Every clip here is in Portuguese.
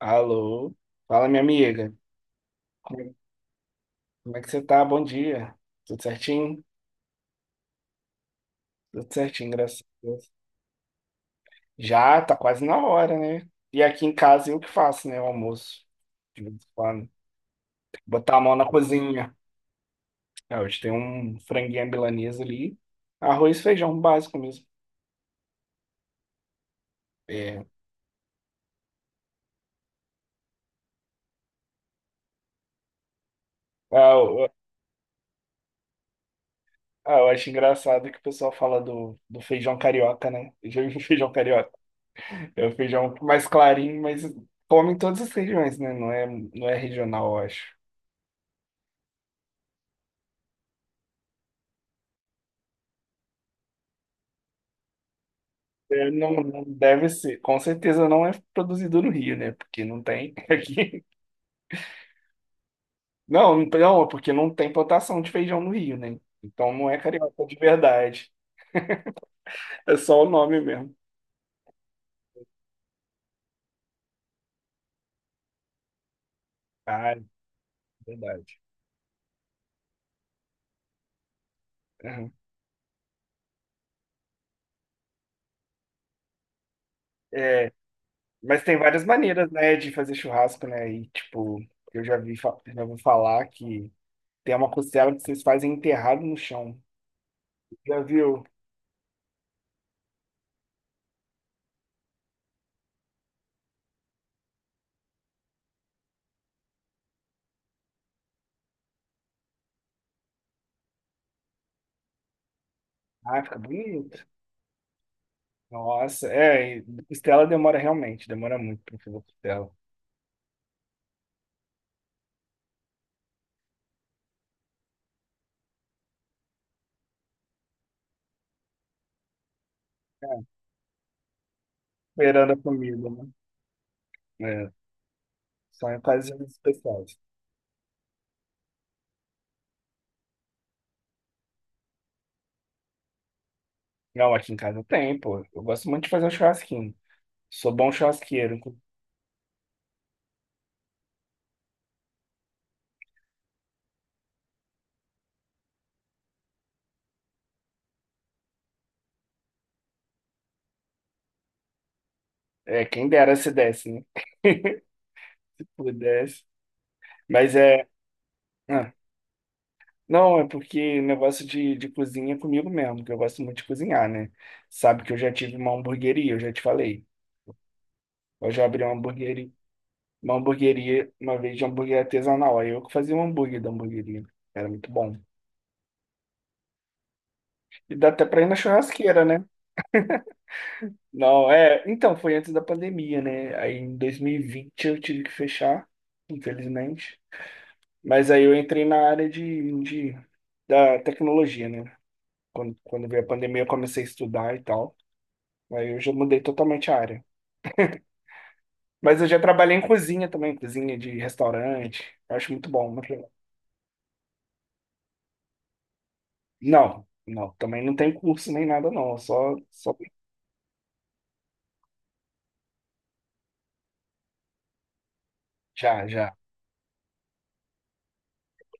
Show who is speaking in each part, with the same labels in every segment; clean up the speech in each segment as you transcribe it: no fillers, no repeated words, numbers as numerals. Speaker 1: Alô, fala minha amiga. Como é como é que você tá? Bom dia. Tudo certinho? Tudo certinho, graças a Deus. Já tá quase na hora, né? E aqui em casa eu que faço, né? O almoço. De vez em quando. Botar a mão na cozinha. É, hoje tem um franguinho à milanesa ali. Arroz e feijão básico mesmo. É. Ah, eu, eu acho engraçado que o pessoal fala do feijão carioca, né? Eu já vi feijão carioca. É o feijão mais clarinho, mas come em todas as regiões, né? Não é regional, eu acho. É, não, não deve ser, com certeza não é produzido no Rio, né? Porque não tem aqui. Não, não, não, porque não tem plantação de feijão no Rio, né? Então não é carioca de verdade. É só o nome mesmo. Ah, verdade. Uhum. É, mas tem várias maneiras, né, de fazer churrasco, né? E tipo, eu já vi, fa- já vou falar que tem uma costela que vocês fazem enterrado no chão. Já viu? Ah, fica bonito. Nossa, é, e costela demora realmente, demora muito pra fazer costela. Beirando a comida, né? É. Só em ocasiões especiais. Não, aqui em casa tem, pô. Eu gosto muito de fazer um churrasquinho. Sou bom churrasqueiro. É, quem dera se desse, né? Se pudesse. Mas é. ah, Não, é porque negócio de cozinha é comigo mesmo, que eu gosto muito de cozinhar, né? Sabe que eu já tive uma hamburgueria, eu já te falei. Eu já abri uma hamburgueria, uma vez de hambúrguer artesanal. Aí eu que fazia o hambúrguer da hamburgueria. Era muito bom. E dá até pra ir na churrasqueira, né? Não, é. Então, foi antes da pandemia, né? Aí em 2020 eu tive que fechar, infelizmente. Mas aí eu entrei na área de da tecnologia, né? Quando veio a pandemia, eu comecei a estudar e tal. Aí eu já mudei totalmente a área. Mas eu já trabalhei em cozinha também, cozinha de restaurante. Eu acho muito bom, muito legal. Não, não, também não tem curso nem nada, não. Eu só, já, já,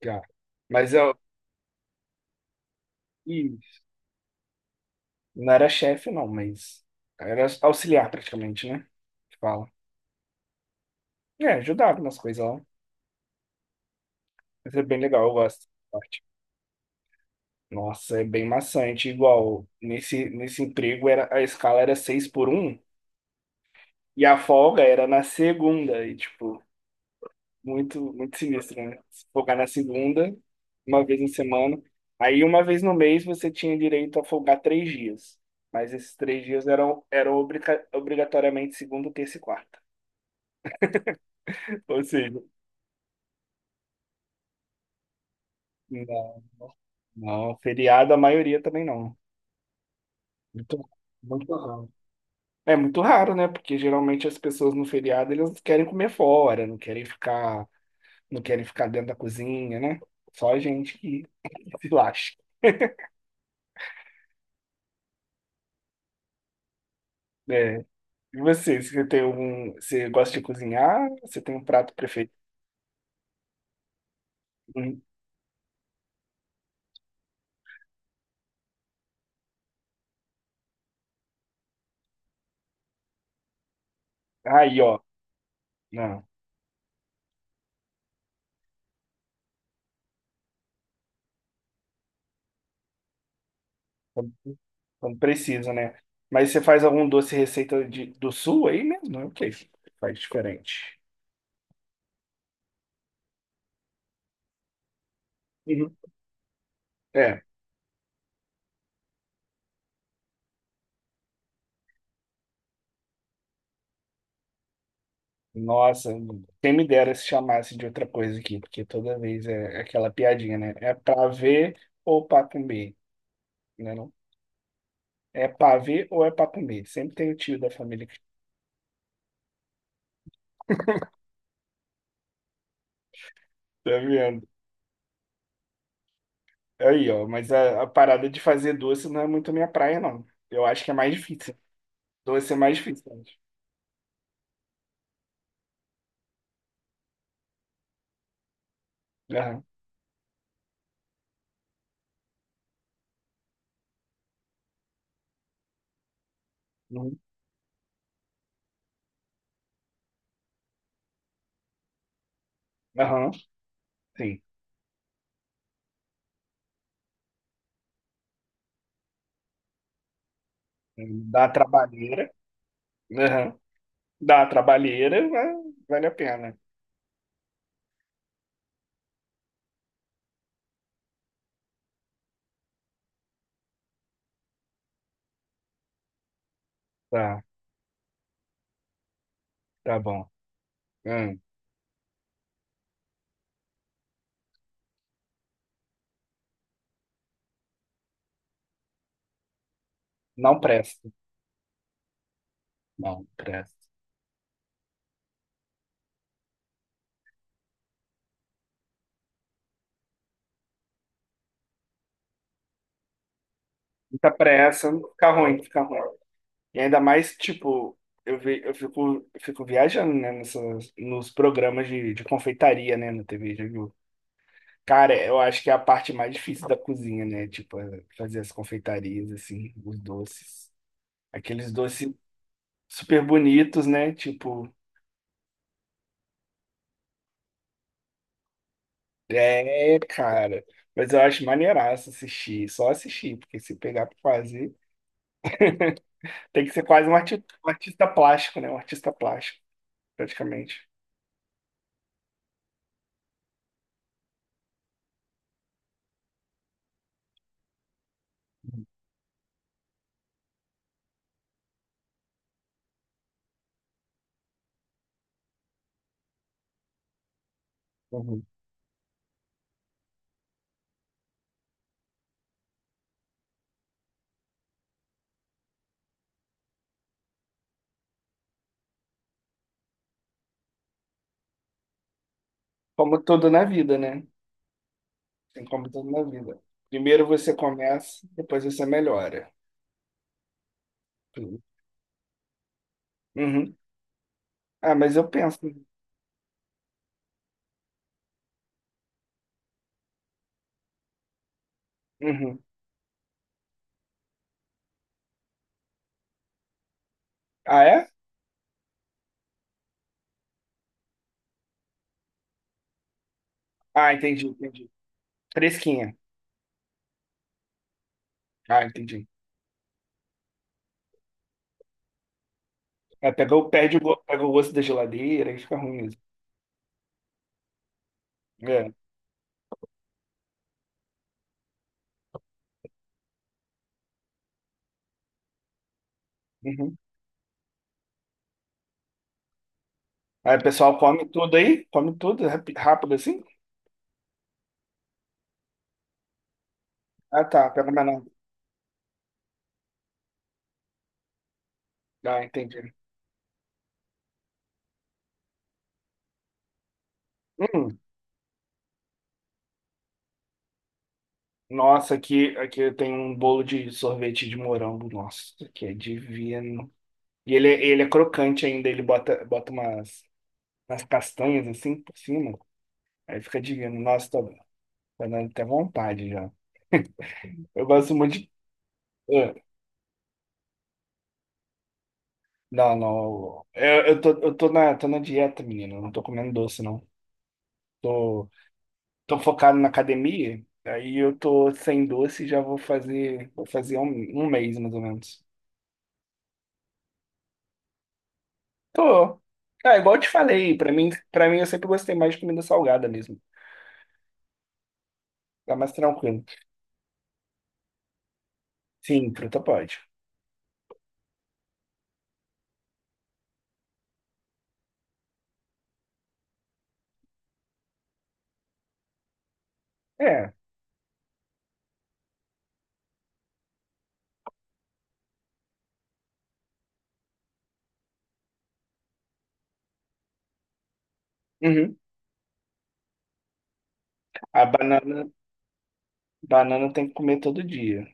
Speaker 1: já. Mas eu. Não era chefe, não, mas era auxiliar praticamente, né? Que fala. É, ajudava nas coisas lá. Mas é bem legal, eu gosto dessa parte. Nossa, é bem maçante. Igual, nesse emprego era, a escala era 6x1 e a folga era na segunda. E, tipo, muito, muito sinistro, né? Se folgar na segunda, uma vez na semana. Aí, uma vez no mês, você tinha direito a folgar 3 dias. Mas esses 3 dias eram, obrigatoriamente segunda, terça e quarta. Ou seja, não. Não, feriado a maioria também não. Muito, muito raro. É muito raro, né? Porque geralmente as pessoas no feriado eles querem comer fora, não querem ficar, não querem ficar dentro da cozinha, né? Só a gente que se lasca. É. E você, você tem algum, você gosta de cozinhar? Você tem um prato preferido? Hum. Aí, ó. Não, quando quando precisa, né? Mas você faz algum doce receita de, do sul aí mesmo? É o que faz diferente. Uhum. É. Nossa, quem me dera se chamasse de outra coisa aqui, porque toda vez é aquela piadinha, né? É pra ver ou pra comer, né? Não? É pra ver ou é pra comer. Sempre tem o tio da família que tá vendo. Aí, ó, mas a parada de fazer doce não é muito minha praia, não. Eu acho que é mais difícil. Doce é mais difícil, eu acho. Aham, uhum. Aham, sim. Dá uma trabalheira. Aham. Dá uma trabalheira, mas vale a pena. Tá, tá bom. Hum. Não presta. Não presta. Muita pressa, fica ruim, fica ruim. E ainda mais, tipo, eu fico viajando, né, nessas, nos programas de confeitaria, né, na TV, já viu? Cara, eu acho que é a parte mais difícil da cozinha, né? Tipo, é fazer as confeitarias, assim, os doces. Aqueles doces super bonitos, né? Tipo, é, cara. Mas eu acho maneiraço assistir, só assistir, porque se pegar pra fazer, tem que ser quase um artista plástico, né? Um artista plástico, praticamente. Uhum. Como tudo na vida, né? Tem como tudo na vida. Primeiro você começa, depois você melhora. Uhum. Ah, mas eu penso. Uhum. Ah, é? Ah, entendi, entendi. Fresquinha. Ah, entendi. É, pega, perde o, pega o gosto da geladeira e fica ruim mesmo. É. Uhum. Aí o pessoal come tudo aí? Come tudo rápido assim? Ah, tá. Pega menor. Ah, entendi. Hum. Nossa, aqui tem um bolo de sorvete de morango. Nossa, que é divino. E ele é crocante ainda, ele bota umas castanhas assim por cima. Aí fica digando, nossa, tô, tá dando até vontade já. Eu gosto muito de. Ah, não, não. Eu tô na dieta, menino. Eu não tô comendo doce, não. Tô, tô focado na academia. Aí eu tô sem doce e já vou fazer, vou fazer um mês, mais ou menos. Tô. Ah, igual eu te falei, pra mim eu sempre gostei mais de comida salgada mesmo. Tá mais tranquilo. Sim, fruta pode. É. Uhum. A banana, banana tem que comer todo dia.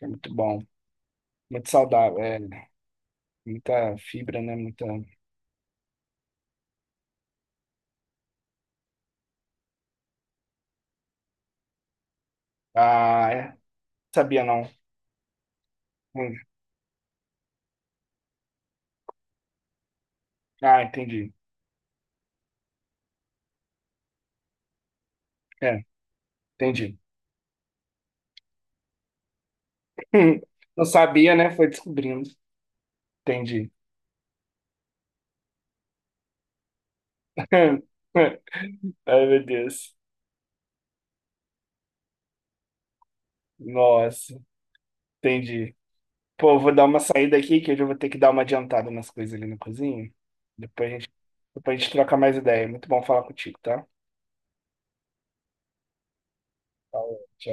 Speaker 1: É muito bom. Muito saudável. É, muita fibra, né? Muita. Ah, é. Sabia não. Hum. Ah, entendi. É, entendi. Hum. Não sabia, né? Foi descobrindo. Entendi. Ai, meu Deus. Nossa, entendi. Pô, eu vou dar uma saída aqui, que hoje eu já vou ter que dar uma adiantada nas coisas ali na cozinha. Depois a gente, depois a gente troca mais ideia. Muito bom falar contigo, tá? Falou, tchau.